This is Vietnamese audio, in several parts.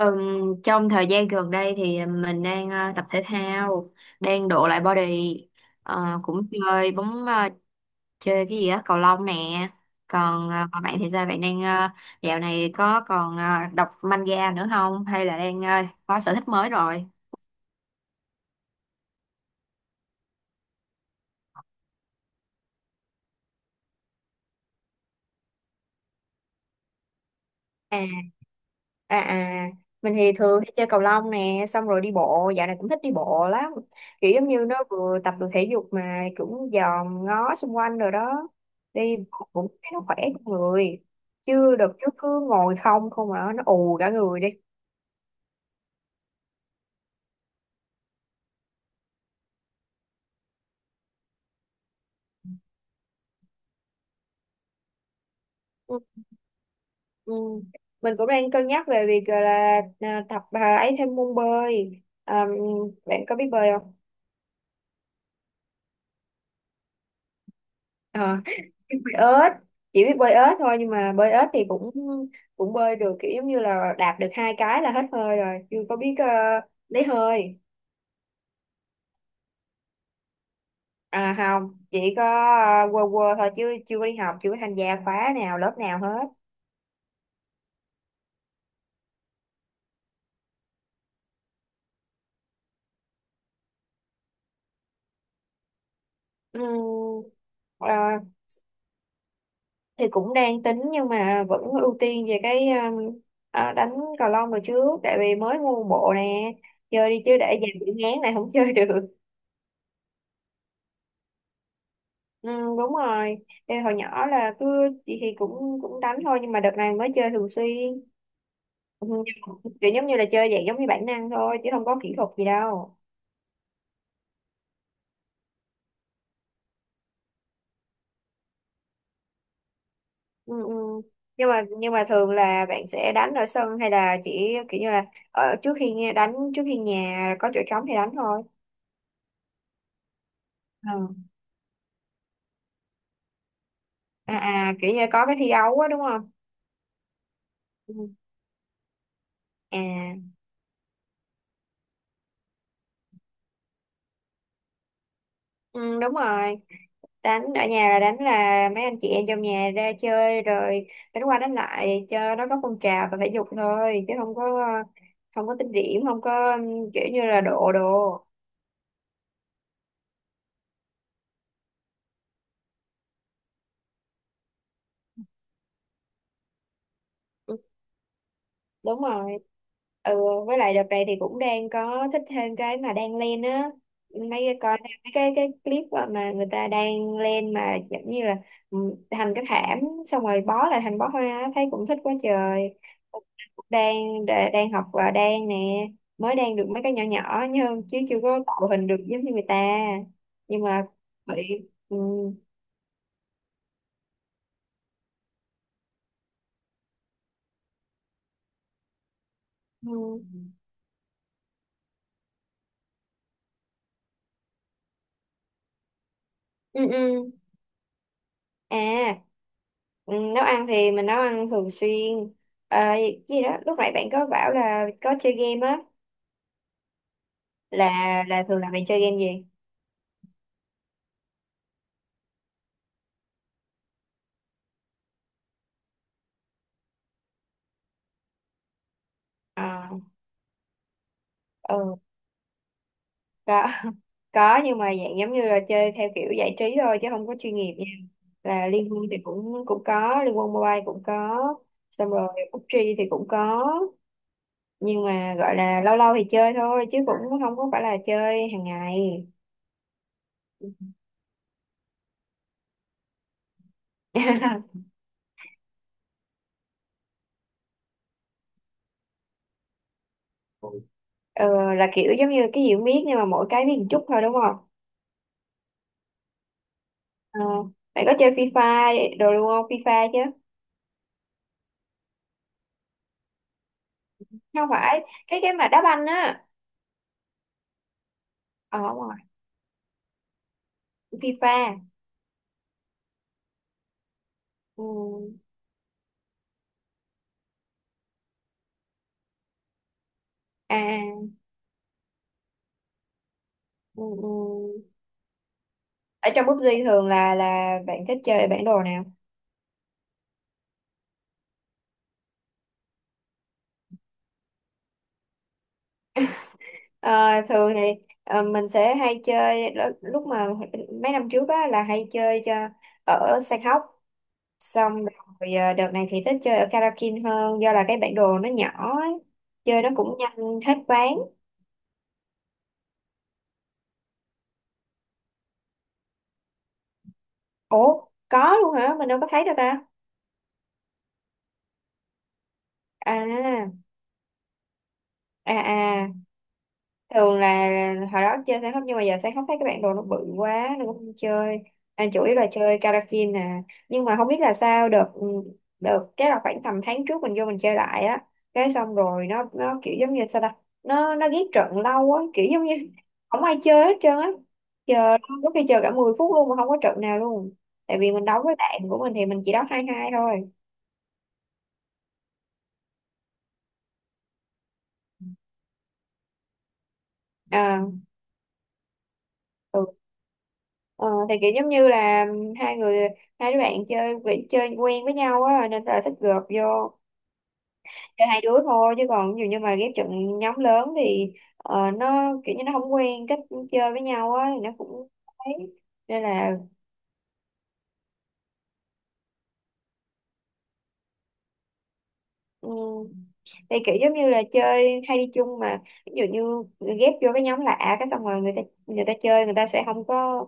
Trong thời gian gần đây thì mình đang tập thể thao, đang độ lại body. Cũng chơi bóng, chơi cái gì á, cầu lông nè. Còn còn bạn thì sao? Bạn đang dạo này có còn đọc manga nữa không? Hay là đang có sở thích mới rồi? À, à, à, mình thì thường hay chơi cầu lông nè, xong rồi đi bộ, dạo này cũng thích đi bộ lắm, kiểu giống như nó vừa tập được thể dục mà cũng dòm ngó xung quanh rồi đó. Đi bộ cũng thấy nó khỏe cho người, chứ đợt trước cứ ngồi không không mà nó ù cả người đi. Ừ. Ừ. Mình cũng đang cân nhắc về việc gọi là à, tập à, ấy thêm môn bơi à, bạn có biết bơi không? Ờ, biết bơi ếch, chỉ biết bơi ếch thôi, nhưng mà bơi ếch thì cũng cũng bơi được, kiểu giống như là đạp được hai cái là hết hơi rồi, chưa có biết lấy hơi. À không, chỉ có quơ quơ thôi, chứ chưa có đi học, chưa có tham gia khóa nào lớp nào hết. Ừm, ờ, thì cũng đang tính, nhưng mà vẫn ưu tiên về cái đánh cầu lông rồi trước, tại vì mới mua bộ nè, chơi đi chứ để dành bị ngán này không chơi được. Ừ, đúng rồi. Ê, hồi nhỏ là cứ chị thì cũng cũng đánh thôi, nhưng mà đợt này mới chơi thường xuyên. Ừ. Kiểu giống như là chơi vậy giống như bản năng thôi, chứ không có kỹ thuật gì đâu. Ừ, ừ. Nhưng mà thường là bạn sẽ đánh ở sân, hay là chỉ kiểu như là ở trước khi nghe- đánh trước khi nhà có chỗ trống thì đánh thôi. Ừ. À, à, kiểu như có cái thi đấu á, đúng không? Ừ. À. Ừ, đúng rồi, đánh ở nhà là đánh là mấy anh chị em trong nhà ra chơi rồi đánh qua đánh lại cho nó có phong trào và thể dục thôi, chứ không có, không có tính điểm, không có kiểu như là độ đồ. Đúng rồi. Ừ. Với lại đợt này thì cũng đang có thích thêm cái mà đang lên á, mấy cái coi thêm mấy cái clip á mà người ta đang lên, mà giống như là ừ, thành cái thảm, xong rồi bó lại thành bó hoa á, thấy cũng thích quá trời. Đang đang học và đang nè, mới đang được mấy cái nhỏ nhỏ, nhưng chứ chưa có tạo hình được giống như người ta. Nhưng mà bị ừ, ừ, ừ. À. Ừ, nấu ăn thì mình nấu ăn thường xuyên. À, gì đó lúc nãy bạn có bảo là có chơi game á, là thường là bạn chơi game gì? À, ừ, có có, nhưng mà dạng giống như là chơi theo kiểu giải trí thôi, chứ không có chuyên nghiệp nha. Là Liên Quân thì cũng cũng có, Liên Quân Mobile cũng có, xong rồi PUBG thì cũng có, nhưng mà gọi là lâu lâu thì chơi thôi, chứ cũng không có phải là chơi hàng ngày. Ừ, là kiểu giống như cái gì cũng biết, nhưng mà mỗi cái biết một chút thôi, đúng không? Ờ, mày có chơi FIFA đồ luôn không? FIFA chứ? Không phải, cái mà đá banh á. Ờ đúng rồi, FIFA. Ừ. À, ừ, ừ. Ở trong PUBG thường là bạn thích chơi bản đồ nào? Ờ, thường thì mình sẽ hay chơi lúc mà mấy năm trước á là hay chơi cho ở Sàn Hóc, xong rồi đợt này thì thích chơi ở Karakin hơn, do là cái bản đồ nó nhỏ ấy. Chơi nó cũng nhanh hết ván. Ủa, có luôn hả? Mình đâu có thấy đâu ta. À, à, à, thường là hồi đó chơi sáng khóc, nhưng mà giờ sáng khóc thấy các bạn đồ nó bự quá nên cũng không chơi, anh chủ yếu là chơi karaoke nè, nhưng mà không biết là sao được, được cái là khoảng tầm tháng trước mình vô mình chơi lại á, cái xong rồi nó kiểu giống như sao ta, nó ghét trận lâu á, kiểu giống như không ai chơi hết trơn á. Chờ, có khi chờ cả 10 phút luôn mà không có trận nào luôn, tại vì mình đấu với bạn của mình thì mình chỉ đấu 2-2 thôi. Ờ. Ừ. Ờ, thì kiểu giống như là hai người, hai đứa bạn chơi quen với nhau á nên là thích gộp vô chơi hai đứa thôi, chứ còn dù như mà ghép trận nhóm lớn thì nó kiểu như nó không quen cách chơi với nhau á thì nó cũng ấy, nên là ừ, thì kiểu giống như là chơi hay đi chung mà, ví dụ như ghép vô cái nhóm lạ, cái xong rồi người ta chơi, người ta sẽ không có,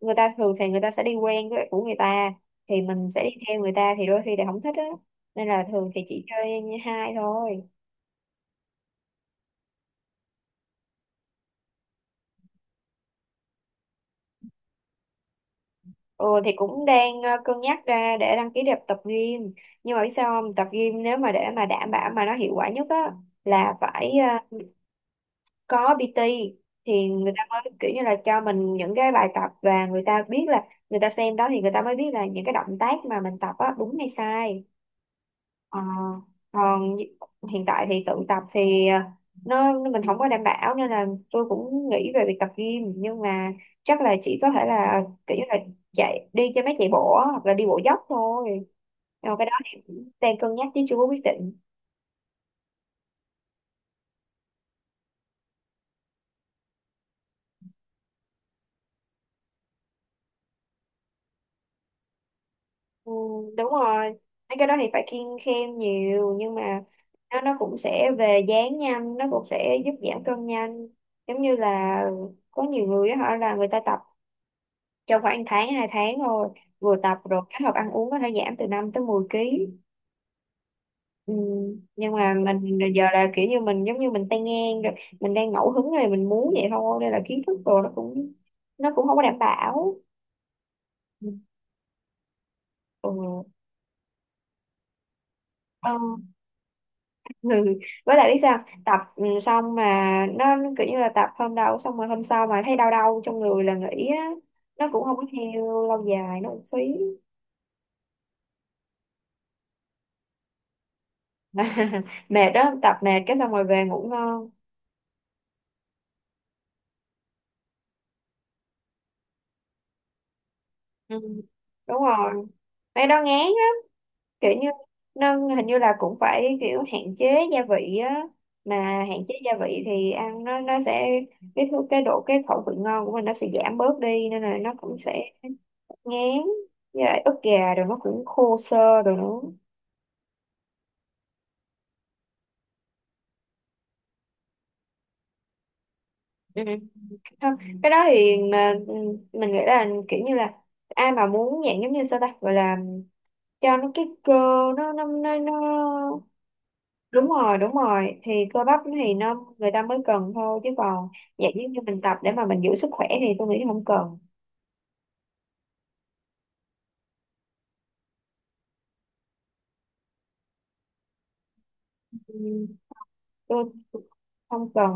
người ta thường thì người ta sẽ đi quen với của người ta, thì mình sẽ đi theo người ta thì đôi khi lại không thích á, nên là thường thì chỉ chơi như hai thôi. Ừ, thì cũng đang cân nhắc ra để đăng ký đẹp tập gym, nhưng mà biết sao không, tập gym nếu mà để mà đảm bảo mà nó hiệu quả nhất á là phải có PT, thì người ta mới kiểu như là cho mình những cái bài tập, và người ta biết là, người ta xem đó thì người ta mới biết là những cái động tác mà mình tập á đúng hay sai. Ờ, còn hiện tại thì tự tập thì mình không có đảm bảo, nên là tôi cũng nghĩ về việc tập gym, nhưng mà chắc là chỉ có thể là kiểu như là chạy đi cho mấy chạy bộ á, hoặc là đi bộ dốc thôi. Rồi cái đó thì cũng đang cân nhắc chứ chưa có quyết định. Ừ, đúng rồi, mấy cái đó thì phải kiêng khem nhiều, nhưng mà nó cũng sẽ về dáng nhanh, nó cũng sẽ giúp giảm cân nhanh, giống như là có nhiều người á, họ là người ta tập trong khoảng tháng hai tháng thôi, vừa tập rồi kết hợp ăn uống có thể giảm từ 5 tới 10 ký. Ừ. Nhưng mà mình giờ là kiểu như mình giống như mình tay ngang rồi, mình đang ngẫu hứng rồi mình muốn vậy thôi, nên là kiến thức rồi nó cũng không có đảm bảo. Ừ. Ừ. Ừ. Với lại biết sao tập xong mà nó kiểu như là tập hôm đầu xong rồi hôm sau mà thấy đau đau trong người là nghỉ á, nó cũng không có theo lâu dài, nó cũng phí. Mệt đó, tập mệt cái xong rồi về ngủ ngon. Ừ. Đúng rồi, mấy đó ngán á, kiểu như nó hình như là cũng phải kiểu hạn chế gia vị á, mà hạn chế gia vị thì ăn nó sẽ, cái thứ cái độ cái khẩu vị ngon của mình nó sẽ giảm bớt đi, nên là nó cũng sẽ ngán, với lại ức gà rồi nó cũng khô xơ rồi nó. Ừ. Không, cái đó thì mà mình nghĩ là kiểu như là ai mà muốn dạng giống như sao ta gọi là cho nó cái cơ, nó. Đúng rồi đúng rồi, thì cơ bắp thì nó người ta mới cần thôi, chứ còn dạng giống như mình tập để mà mình giữ sức khỏe thì tôi nghĩ không cần. Ừ, tôi không cần.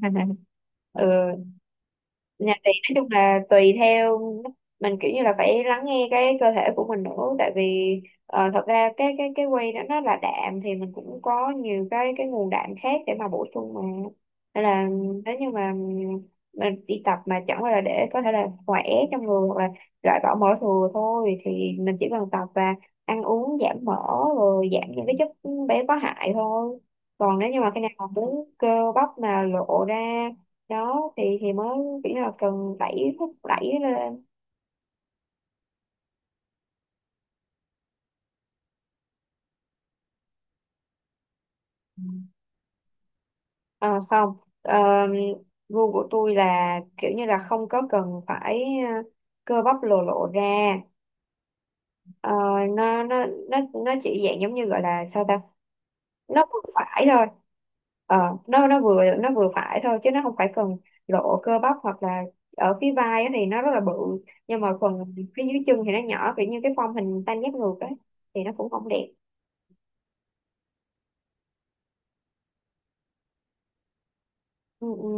Ừ. Nhà thì nói chung là tùy theo, mình kiểu như là phải lắng nghe cái cơ thể của mình nữa, tại vì thật ra cái cái whey đó nó là đạm, thì mình cũng có nhiều cái nguồn đạm khác để mà bổ sung mà. Nên là nếu như mà mình đi tập mà chẳng qua là để có thể là khỏe trong người, hoặc là loại bỏ mỡ thừa thôi, thì mình chỉ cần tập và ăn uống giảm mỡ, rồi giảm những cái chất béo có hại thôi. Còn nếu như mà khi nào mà muốn cơ bắp mà lộ ra đó thì mới kiểu như là cần đẩy, thúc đẩy lên. Ờ, không, gu của tôi là kiểu như là không có cần phải ờ, cơ bắp lồ lộ ra. Ờ, nó chỉ dạng giống như gọi là sao ta, nó vừa phải thôi. Ờ, nó vừa phải thôi, chứ nó không phải cần lộ cơ bắp, hoặc là ở phía vai á thì nó rất là bự, nhưng mà phần phía dưới chân thì nó nhỏ, kiểu như cái form hình tam giác ngược ấy, thì nó cũng không đẹp. Ừ, ừ.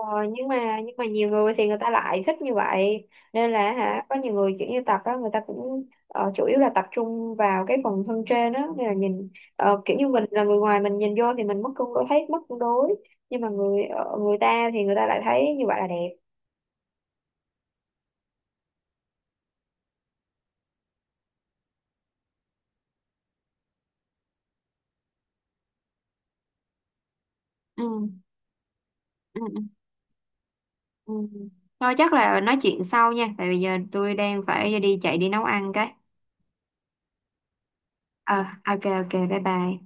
Ờ, nhưng mà nhiều người thì người ta lại thích như vậy, nên là hả, có nhiều người kiểu như tập đó người ta cũng chủ yếu là tập trung vào cái phần thân trên đó, nên là nhìn kiểu như mình là người ngoài mình nhìn vô thì mình mất cân đối, thấy mất cân đối, nhưng mà người người ta thì người ta lại thấy như vậy là đẹp. Ừ, ừ, ừ. Ừ. Thôi chắc là nói chuyện sau nha, tại vì giờ tôi đang phải đi chạy đi nấu ăn cái. Ờ, ok ok, bye bye.